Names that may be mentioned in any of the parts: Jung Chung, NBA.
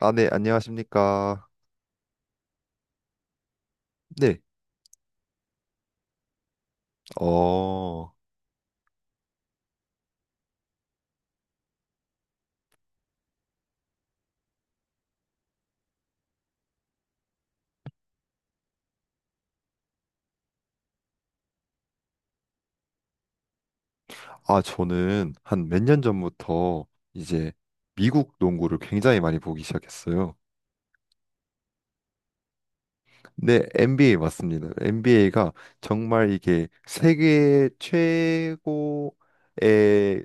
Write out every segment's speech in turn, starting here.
아, 네, 안녕하십니까. 네, 어, 저는 한 몇 년 전부터 이제 미국 농구를 굉장히 많이 보기 시작했어요. 네, NBA 맞습니다. NBA가 정말 이게 세계 최고의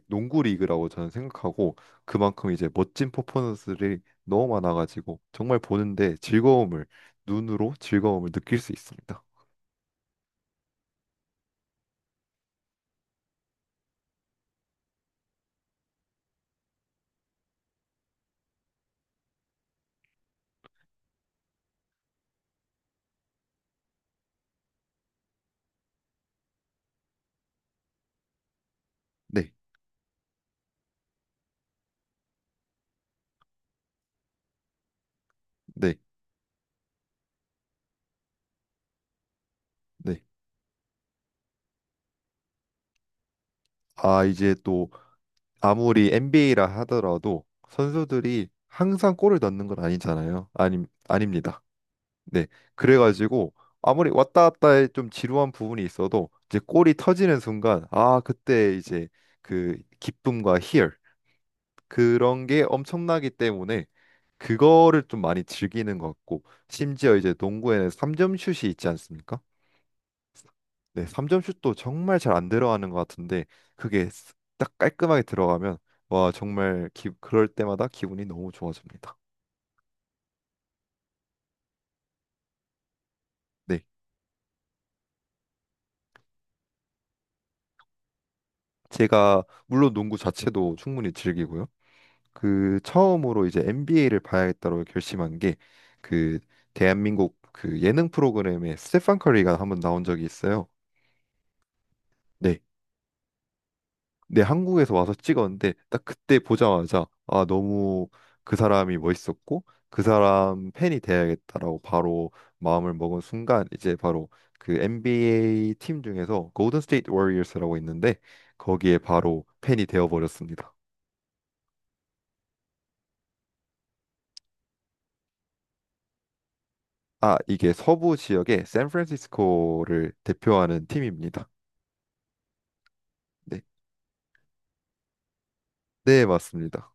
농구 리그라고 저는 생각하고 그만큼 이제 멋진 퍼포먼스들이 너무 많아가지고 정말 보는데 눈으로 즐거움을 느낄 수 있습니다. 네, 네, 네. 아, 이제 아무리 NBA라 하더라도 선수들이 항상 골을 넣는 건 아니잖아요. 아니, 아닙니다. 네. 그래가지고 아무리 왔다 갔다 해좀 지루한 부분이 있어도 이제 골이 터지는 순간 아, 그때 이제 그 기쁨과 희열 그런 게 엄청나기 때문에 그거를 좀 많이 즐기는 것 같고 심지어 이제 농구에는 3점 슛이 있지 않습니까? 네, 3점 슛도 정말 잘 안 들어가는 것 같은데 그게 딱 깔끔하게 들어가면 와 정말 그럴 때마다 기분이 너무 좋아집니다. 네, 제가 물론 농구 자체도 충분히 즐기고요. 그 처음으로 이제 NBA를 봐야겠다고 결심한 게 그 대한민국 그 예능 프로그램에 스테판 커리가 한번 나온 적이 있어요. 네, 네, 한국에서 와서 찍었는데 딱 그때 보자마자 아, 너무 그 사람이 멋있었고 그 사람 팬이 돼야겠다라고 바로 마음을 먹은 순간 이제 바로 그 NBA 팀 중에서 골든 스테이트 워리어스라고 있는데 거기에 바로 팬이 되어 버렸습니다. 아, 이게 서부 지역의 샌프란시스코를 대표하는 팀입니다. 네. 네, 맞습니다.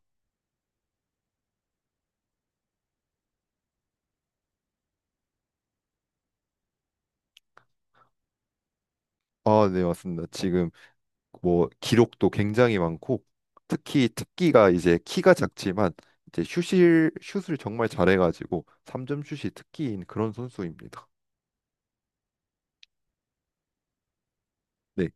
아, 네, 맞습니다. 지금 뭐 기록도 굉장히 많고 특히 특기가 이제 키가 작지만 이제 슛을 정말 잘해가지고 3점 슛이 특기인 그런 선수입니다. 네,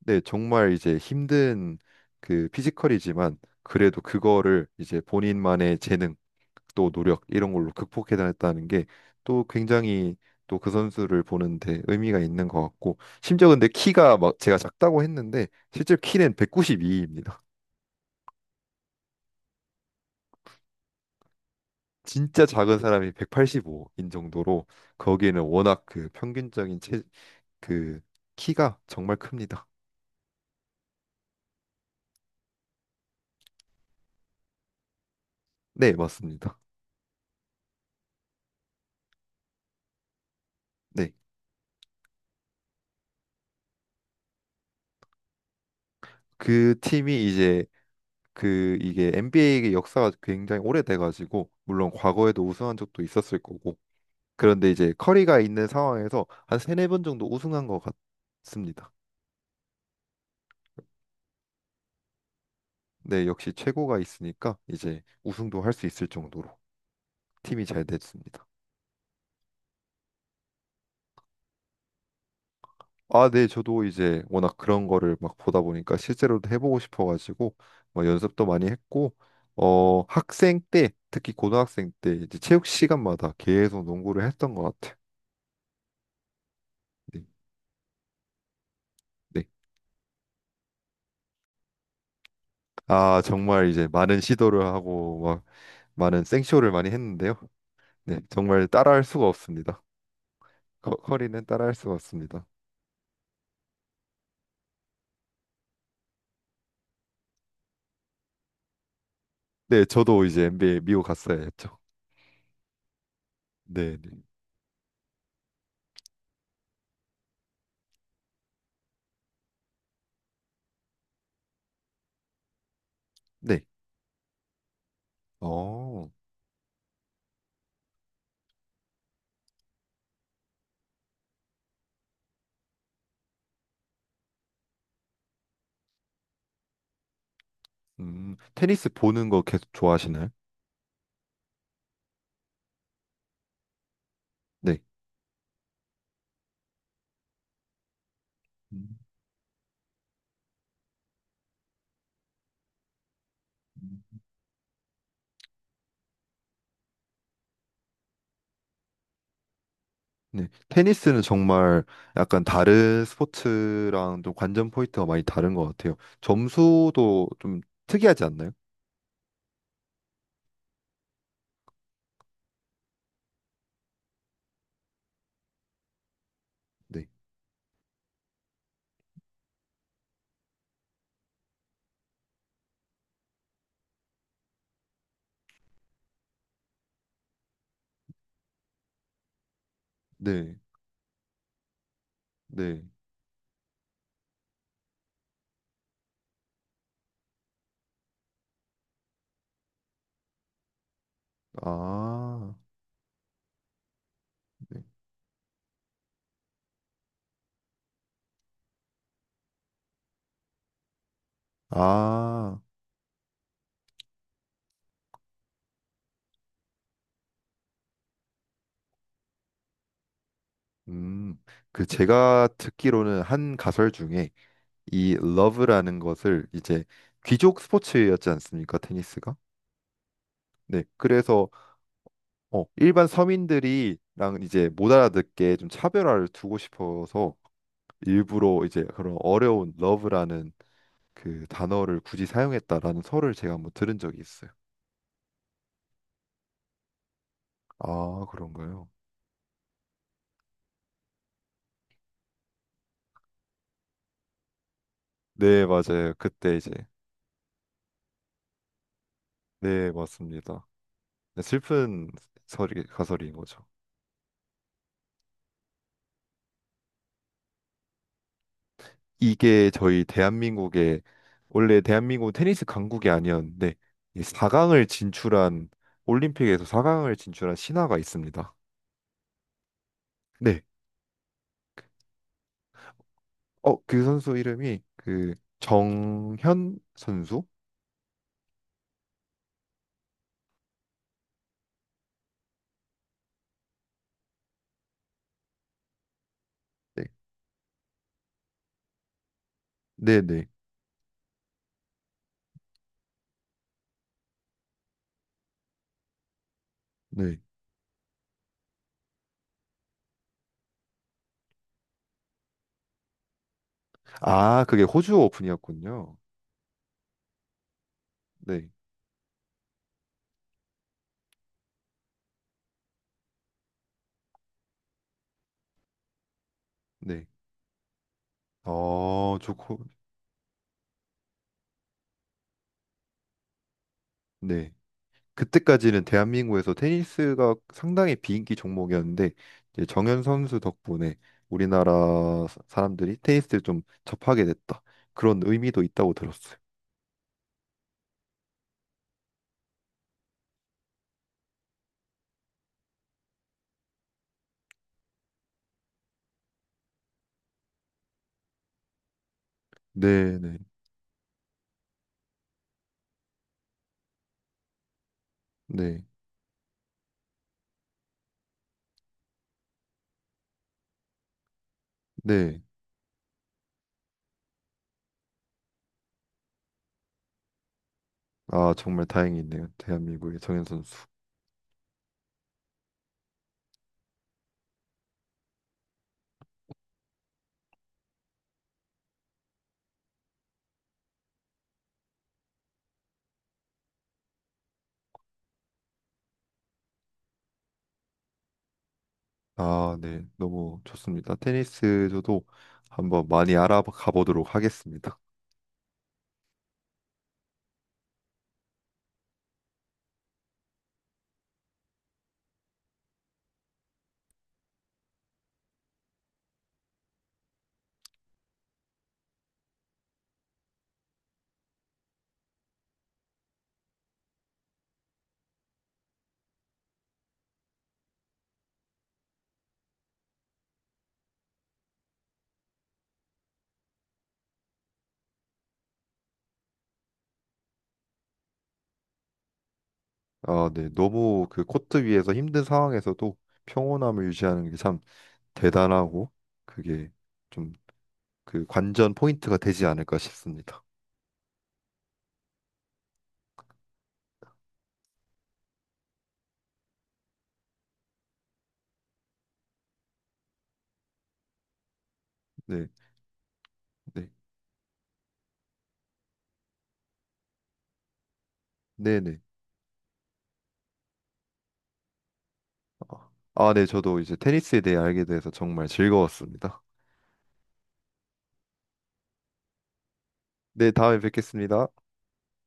네 정말 이제 힘든 그 피지컬이지만 그래도 그거를 이제 본인만의 재능 또 노력 이런 걸로 극복해냈다는 게 또 굉장히 또 그 선수를 보는데 의미가 있는 것 같고 심지어 근데 키가 막 제가 작다고 했는데 실제 키는 192입니다. 진짜 작은 사람이 185인 정도로 거기는 워낙 그 평균적인 체, 그 키가 정말 큽니다. 네, 맞습니다. 네. 그 팀이 이제 그 이게 NBA의 역사가 굉장히 오래돼 가지고 물론 과거에도 우승한 적도 있었을 거고 그런데 이제 커리가 있는 상황에서 한 세네 번 정도 우승한 것 같습니다. 네, 역시 최고가 있으니까 이제 우승도 할 수 있을 정도로 팀이 잘 됐습니다. 아, 네, 저도 이제 워낙 그런 거를 막 보다 보니까 실제로도 해보고 싶어가지고 뭐 연습도 많이 했고, 학생 때, 특히 고등학생 때 이제 체육 시간마다 계속 농구를 했던 것 같아요. 네, 네. 아, 정말 이제 많은 시도를 하고 막 많은 생쇼를 많이 했는데요. 네, 정말 따라할 수가 없습니다. 커리는 따라할 수가 없습니다. 네, 저도 이제 NBA 미국 갔어야 했죠. 네, 네. 네. 어, 테니스 보는 거 계속 좋아하시나요? 네. 음. 네, 테니스는 정말 약간 다른 스포츠랑 좀 관전 포인트가 많이 다른 것 같아요. 점수도 좀 특이하지 않나요? 네, 네, 네. 아, 네. 아, 음. 그 제가 듣기로는 한 가설 중에 이 러브라는 것을 이제 귀족 스포츠였지 않습니까? 테니스가? 네, 그래서 일반 서민들이랑 이제 못 알아듣게 좀 차별화를 두고 싶어서 일부러 이제 그런 어려운 러브라는 그 단어를 굳이 사용했다라는 설을 제가 한번 들은 적이 있어요. 아, 그런가요? 네, 맞아요. 그때 이제 네, 맞습니다. 네, 슬픈 설이 가설인 거죠. 이게 저희 대한민국의 원래 대한민국 테니스 강국이 아니었는데 4강을 진출한 올림픽에서 4강을 진출한 신화가 있습니다. 네. 그 선수 이름이 그 정현 선수? 네. 네, 네. 네. 아, 그게 호주 오픈이었군요. 네, 네. 좋고, 네. 그때까지는 대한민국에서 테니스가 상당히 비인기 종목이었는데, 이제 정현 선수 덕분에 우리나라 사람들이 테니스를 좀 접하게 됐다. 그런 의미도 있다고 들었어요. 네, 네, 네, 네. 아, 정말 다행이네요. 대한민국의 정현 선수. 아, 네. 너무 좋습니다. 테니스 저도 한번 많이 알아가 보도록 하겠습니다. 아, 네. 너무 그 코트 위에서 힘든 상황에서도 평온함을 유지하는 게 참 대단하고 그게 좀 그 관전 포인트가 되지 않을까 싶습니다. 네, 네, 네, 네. 아, 네. 저도 이제 테니스에 대해 알게 돼서 정말 즐거웠습니다. 네, 다음에 뵙겠습니다.